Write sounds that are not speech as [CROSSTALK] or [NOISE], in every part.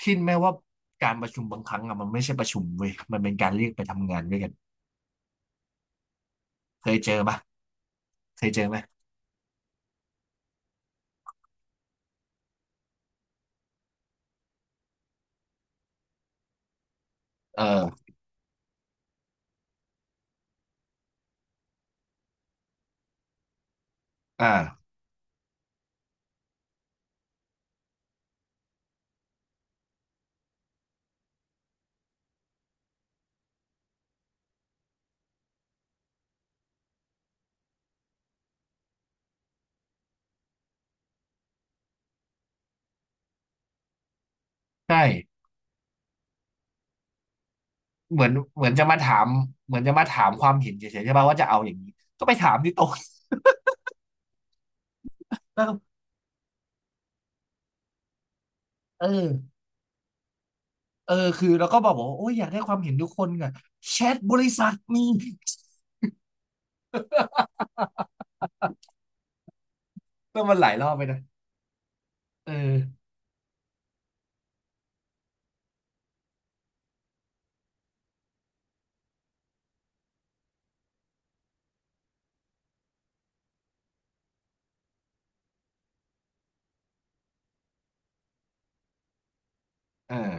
คิดไหมว่าการประชุมบางครั้งอะมันไม่ใช่ประชุมเว้ยมันเป็นการเรียกไปทำงานด้วยกันเคยเจอปะเคยเจอไหมเอออ่าใช่เหมือนเหมือนจะมาถามเหมือนจะมาถามความเห็นเฉยๆใช่ปะว่าจะเอาอย่างนี้ก็ไปถามที่โต๊ะ [LAUGHS] แล้วก็เออเออคือแล้วก็บอกว่าโอ้ยอยากได้ความเห็นทุกคนอะแชทบริษัทมีก็มันหลายรอบไปนะเออเออ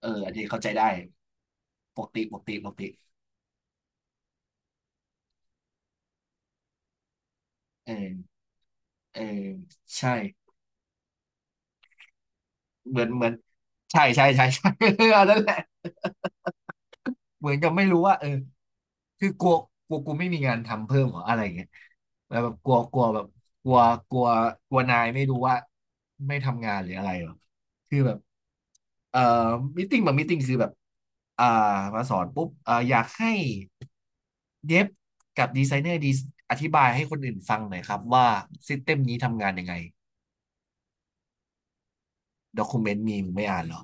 เอออันนี้เข้าใจได้ปกติเออเออใช่เหมือนใช่ [LAUGHS] อันนั้นแหละ เหมือนกับไม่รู้ว่าเออคือกลัวกลัวกูไม่มีงานทำเพิ่มเหรออะไรอย่างเงี้ยแล้วแบบกลัวกลัวแบบกลัวกลัวกลัวนายไม่รู้ว่าไม่ทำงานหรืออะไรหรอคือแบบเอ่อมิ팅บางมิ팅คือแบบอ่ามาสอนปุ๊บอยากให้เย็บกับดีไซเนอร์ดีอธิบายให้คนอื่นฟังหน่อยครับว่าซิสเต็มนี้ทำงานยังไงด็อกิเมนต์มีมึงไม่อ่านเหรอ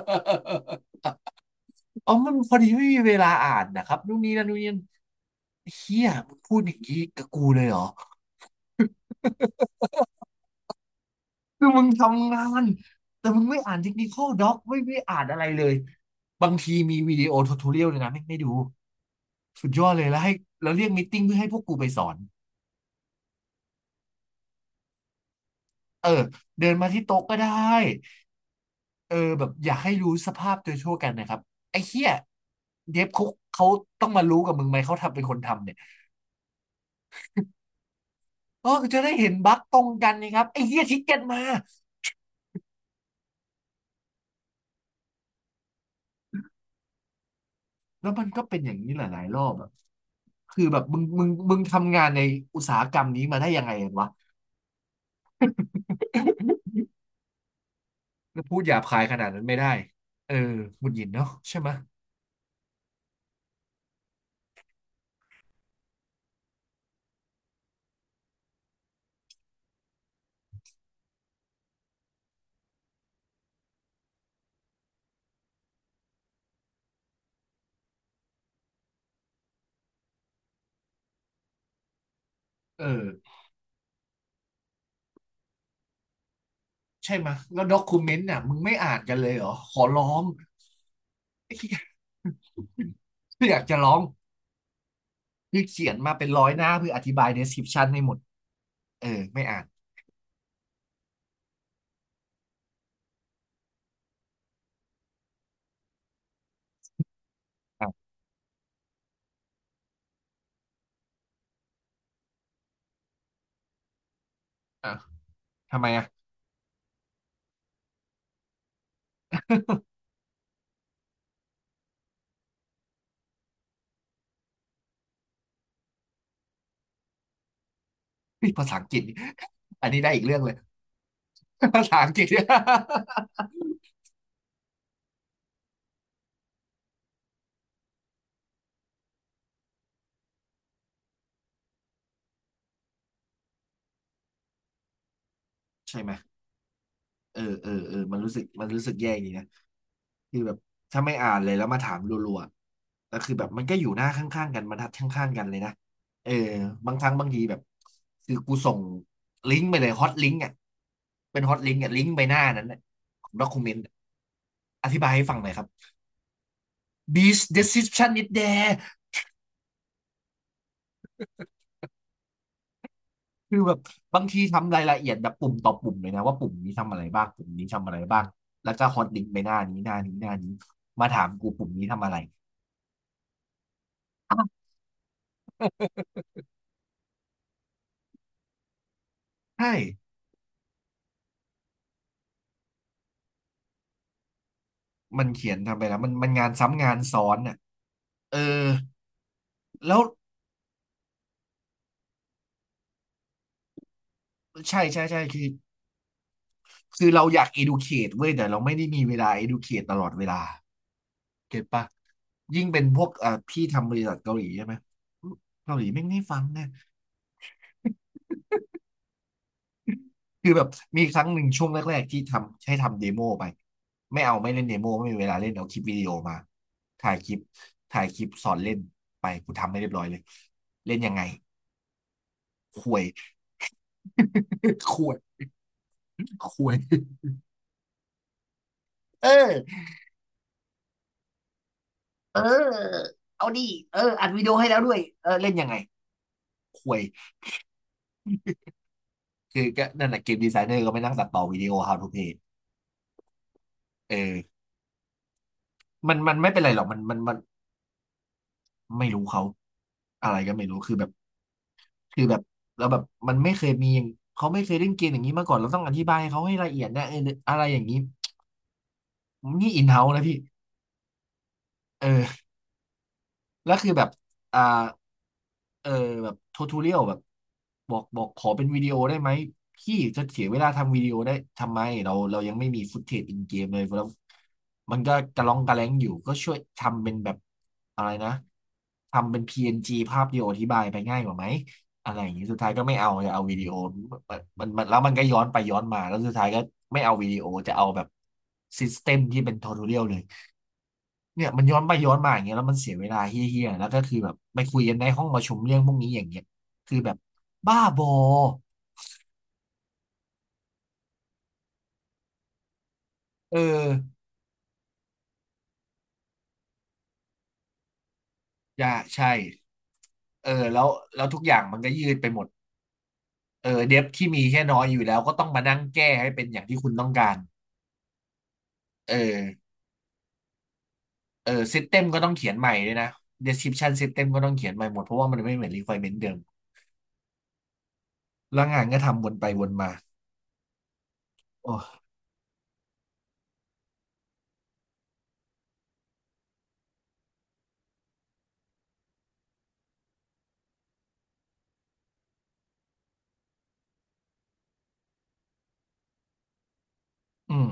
[LAUGHS] อ๋อมันพอดีไม่มีเวลาอ่านนะครับนู่นนี่นั่นนู่นนี่นั่นเฮียมึงพูดอย่างนี้กับกูเลยเหรอคือมึงทำงานแต่มึงไม่อ่านเทคนิคอลด็อกไม่อ่านอะไรเลยบางทีมีวิดีโอทูทอเรียลเลยนะไม่ดูสุดยอดเลยแล้วให้แล้วเรียกมีตติ้งเพื่อให้พวกกูไปสอนเออเดินมาที่โต๊ะก็ได้เออแบบอยากให้รู้สภาพโดยทั่วกันนะครับไอ้เหี้ยเดฟเขาเขาต้องมารู้กับมึงไหมเขาทำเป็นคนทำเนี่ยเออจะได้เห็นบั๊กตรงกันนะครับไอ้เหี้ยทิกเก็ตมา แล้วมันก็เป็นอย่างนี้หลายๆรอบอะคือแบบมึงทำงานในอุตสาหกรรมนี้มาได้ยังไงกันวะพูดหยาบคายขนาดนั้นไม่ได้เออหงุดหงิดเนาะใช่ไหมะเออใช่ไหมะแล้วด็อกูเมนต์น่ะมึงไม่อ่านกันเลยเหรอ ขอร้อง [LAUGHS] ไอ้เหี้ยอยากจะร้องคือเขียนมาเป็นร้อยหน้าเพื่ออธิบาย description ให้หมดเออไม่อ่านอ่ะอ่ะทำไมอ่ะเฮ้ยภาษาอังกฤษ [LAUGHS] อันนี้ได้อีกเรื่องเลย [LAUGHS] ภาษาอังกฤษ [LAUGHS] ใช่ไหม เออเออเออมันรู้สึกมันรู้สึกแย่อย่างนี้นะ คือแบบ ถ้าไม่อ่านเลยแล้วมาถามรัวๆแล้วคือแบบ มันก็อยู่หน้าข้างๆกันบรรทัดข้างๆกันเลยนะ เออ บางครั้งบางทีแบบ คือกูส่งลิงก์ไปเลยฮอตลิงก์อ่ะเป็นฮอตลิงก์อ่ะลิงก์ไปหน้านั้นน่ะของด็อกิเมนต์อธิบายให้ฟังหน่อยครับ t h i s description is there คือแบบบางทีทำรายละเอียดแบบปุ่มต่อปุ่มเลยนะว่าปุ่มนี้ทำอะไรบ้างปุ่มนี้ทำอะไรบ้างแล้วก็ฮอตลิงก์ไปหน้านี้หน้านี้หน้านี้มาถามกูปุ่มนี้ทำอะไร อาวใช่ มันเขียนทำไปแล้วมันมันงานซ้ำงานซ้อนอ่ะเออแล้วใช่คือคือเราอยาก educate เว้ยแต่เราไม่ได้มีเวลา educate ตลอดเวลาเก็ตปะยิ่งเป็นพวกพี่ทำบริษัทเกาหลีใช่ไหมเกาหลีไม่งไม่ฟังนะคือแบบมีครั้งหนึ่งช่วงแรกๆที่ทำให้ทำเดโมไปไม่เอาไม่เล่นเดโมไม่มีเวลาเล่นเอาคลิปวิดีโอมาถ่ายคลิปถ่ายคลิปสอนเล่นไปกูทำไม่เรียบร้อยเลยเล่นยังไงควย [LAUGHS] ควยควย เออเออเอาดิเอออัดวิดีโอให้แล้วด้วยเออเล่นยังไงห่วยคือก็นั่นแหละเกมดีไซเนอร์ก็ไปนั่งตัดต่อวิดีโอ How to Play เออมันไม่เป็นไรหรอกมันไม่รู้เขาอะไรก็ไม่รู้คือแบบคือแบบแล้วแบบมันไม่เคยมีอย่างเขาไม่เคยเล่นเกมอย่างนี้มาก่อนเราต้องอธิบายให้เขาให้ละเอียดนะเอออะไรอย่างนี้นี่อินเฮ้านะพี่เออ แล้วคือแบบอ่าเออแบบทูทูเรียลแบบบอกขอเป็นวิดีโอได้ไหมพี่จะเสียเวลาทำวิดีโอได้ทำไมเรายังไม่มีฟุตเทจอินเกมเลยแล้วมันก็กระล่องกระแล้งอยู่ก็ช่วยทำเป็นแบบอะไรนะทำเป็นพีเอ็น n ีภาพเดียวอธิบายไปง่ายกว่าไหมอะไรอย่างนี้สุดท้ายก็ไม่เอาจะเอาวิดีโอมันแล้วมันก็ย้อนไปย้อนมาแล้วสุดท้ายก็ไม่เอาวิดีโอจะเอาแบบซิสเต็มที่เป็นทูทูเรียลเลย เนี่ยย้อนไปย้อนมาอย่างเงี้ยแล้วมันเสียเวลาเฮี้ยๆแล้วก็คือแบบไปคุยกันในห้องประชุมเรื่องพวกนี้อย่างเงี้ยคือแบบบ้าบอเอออย่าใช่เออแล้วทุกอย่างมันก็ยืดไปหมดเออเดฟที่มีแค่น้อยอยู่แล้วก็ต้องมานั่งแก้ให้เป็นอย่างที่คุณต้องการเออเออซิสเต็มก็ต้องเขียนใหม่ด้วยนะ description system ก็ต้องเขียนใหม่หมดเพราะว่ามันไม่เหมือน requirement เดิมแล้วงานก็ทำวนไปวนมาโอ้อืม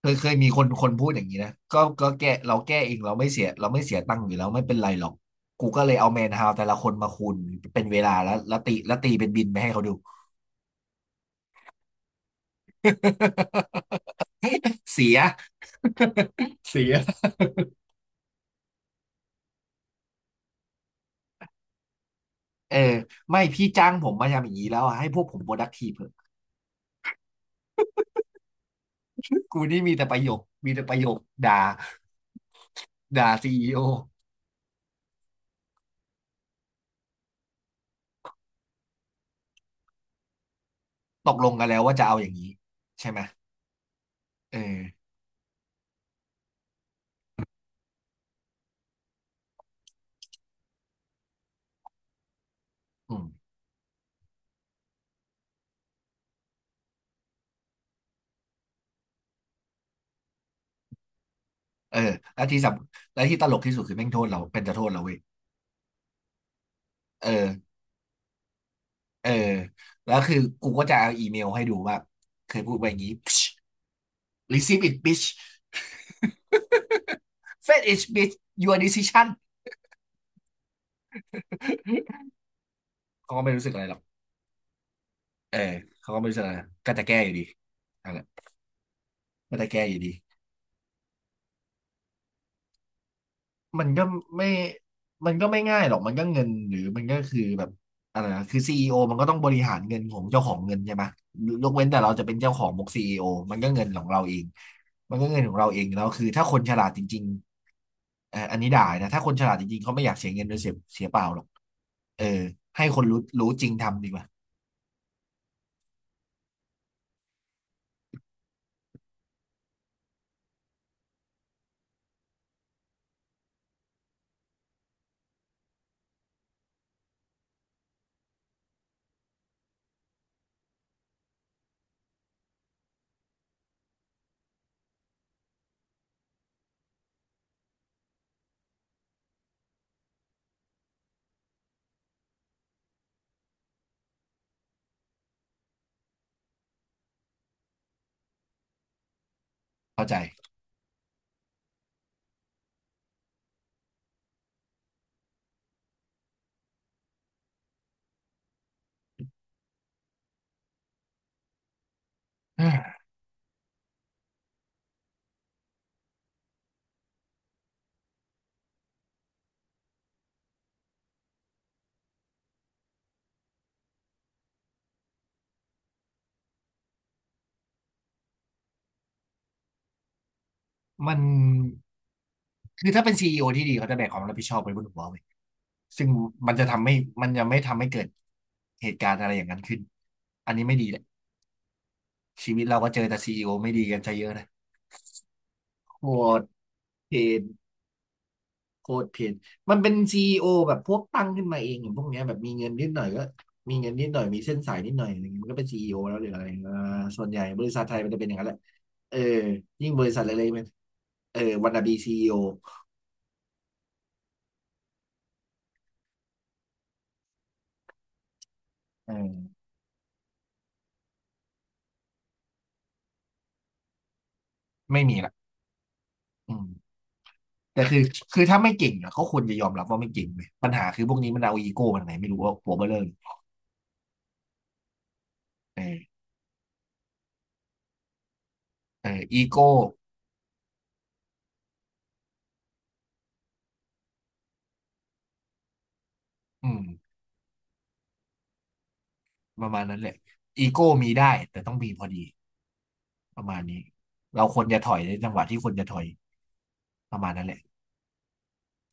เคยมีคนพูดอย่างนี้นะก็แก้เราแก้เองเราไม่เสียเราไม่เสียตังค์อยู่แล้วไม่เป็นไรหรอกกูก็เลยเอาแมนฮาวแต่ละคนมาคูณเป็นเวลาแล้วตีแล้วตีเป็นบินไปให้เขาดู [LAUGHS] เสียเสียเออไม่พี่จ้างผมมาทำอย่างนี้แล้วอะให้พวกผม productive เถอะกูนี่มีแต่ประโยคมีแต่ประโยคด่าด่าซีอีโอตกลงกันแล้วว่าจะเอาอย่างนี้ใช่ไหมเอออืมเออแล้วแล้วที่ตลกที่สุดคือแม่งโทษเราเป็นจะโทษเราเว้ยเออ เออแล้วคือกูก็จะเอาอีเมลให้ดูว่าเคยพูดไปอย่างนี้ [LAUGHS] receive it bitch [LAUGHS] fed it bitch your decision เขาก็ไม่รู้สึกอะไรหรอกเออเขาก็ไม่รู้สึกอะไรก็จะแก้อยู่ดีนั่นแหละก็จะแก้อยู่ดี มันก็ไม่มันก็ไม่ง่ายหรอกมันก็เงินหรือมันก็คือแบบอะไรนะคือซีอีโอมันก็ต้องบริหารเงินของเจ้าของเงินใช่ไหมยกเว้นแต่เราจะเป็นเจ้าของบุกซีอีโอมันก็เงินของเราเองมันก็เงินของเราเองแล้วคือถ้าคนฉลาดจริงๆอันนี้ด่านะถ้าคนฉลาดจริงๆเขาไม่อยากเสียเงินโดยเสียเปล่าหรอกเออให้คนรู้จริงทำดีกว่าเข้าใจ มันคือถ้าเป็นซีอีโอที่ดีเขาจะแบกความรับผิดชอบไว้บนหัวเว้ยซึ่งมันจะทำให้มันจะไม่ทำให้เกิดเหตุการณ์อะไรอย่างนั้นขึ้นอันนี้ไม่ดีแหละชีวิตเราก็เจอแต่ซีอีโอไม่ดีกันซะเยอะเลยโคตรเพลนโคตรเพนมันเป็นซีอีโอแบบพวกตั้งขึ้นมาเองอย่างพวกเนี้ยแบบมีเงินนิดหน่อยก็มีเงินนิดหน่อยมีเส้นสายนิดหน่อยอะไรเงี้ยมันก็เป็นซีอีโอแล้วหรืออะไรอ่าส่วนใหญ่บริษัทไทยมันจะเป็นอย่างนั้นแหละเออยิ่งบริษัทเล็กๆมันเออวันนาบีซีอีโอเออไม่มีละอืม แต่คือคือถ้าไม่เก่งอะก็ควรจะยอมรับว่าไม่เก่งเลยปัญหาคือพวกนี้มันเอาอีโก้มันไหนไม่รู้ว่าหัวเบลเร่อเเออเอออีโก้อืมประมาณนั้นแหละอีโก้มีได้แต่ต้องมีพอดีประมาณนี้เราควรจะถอยในจังหวะที่ควรจะถอยประมาณนั้นแหละ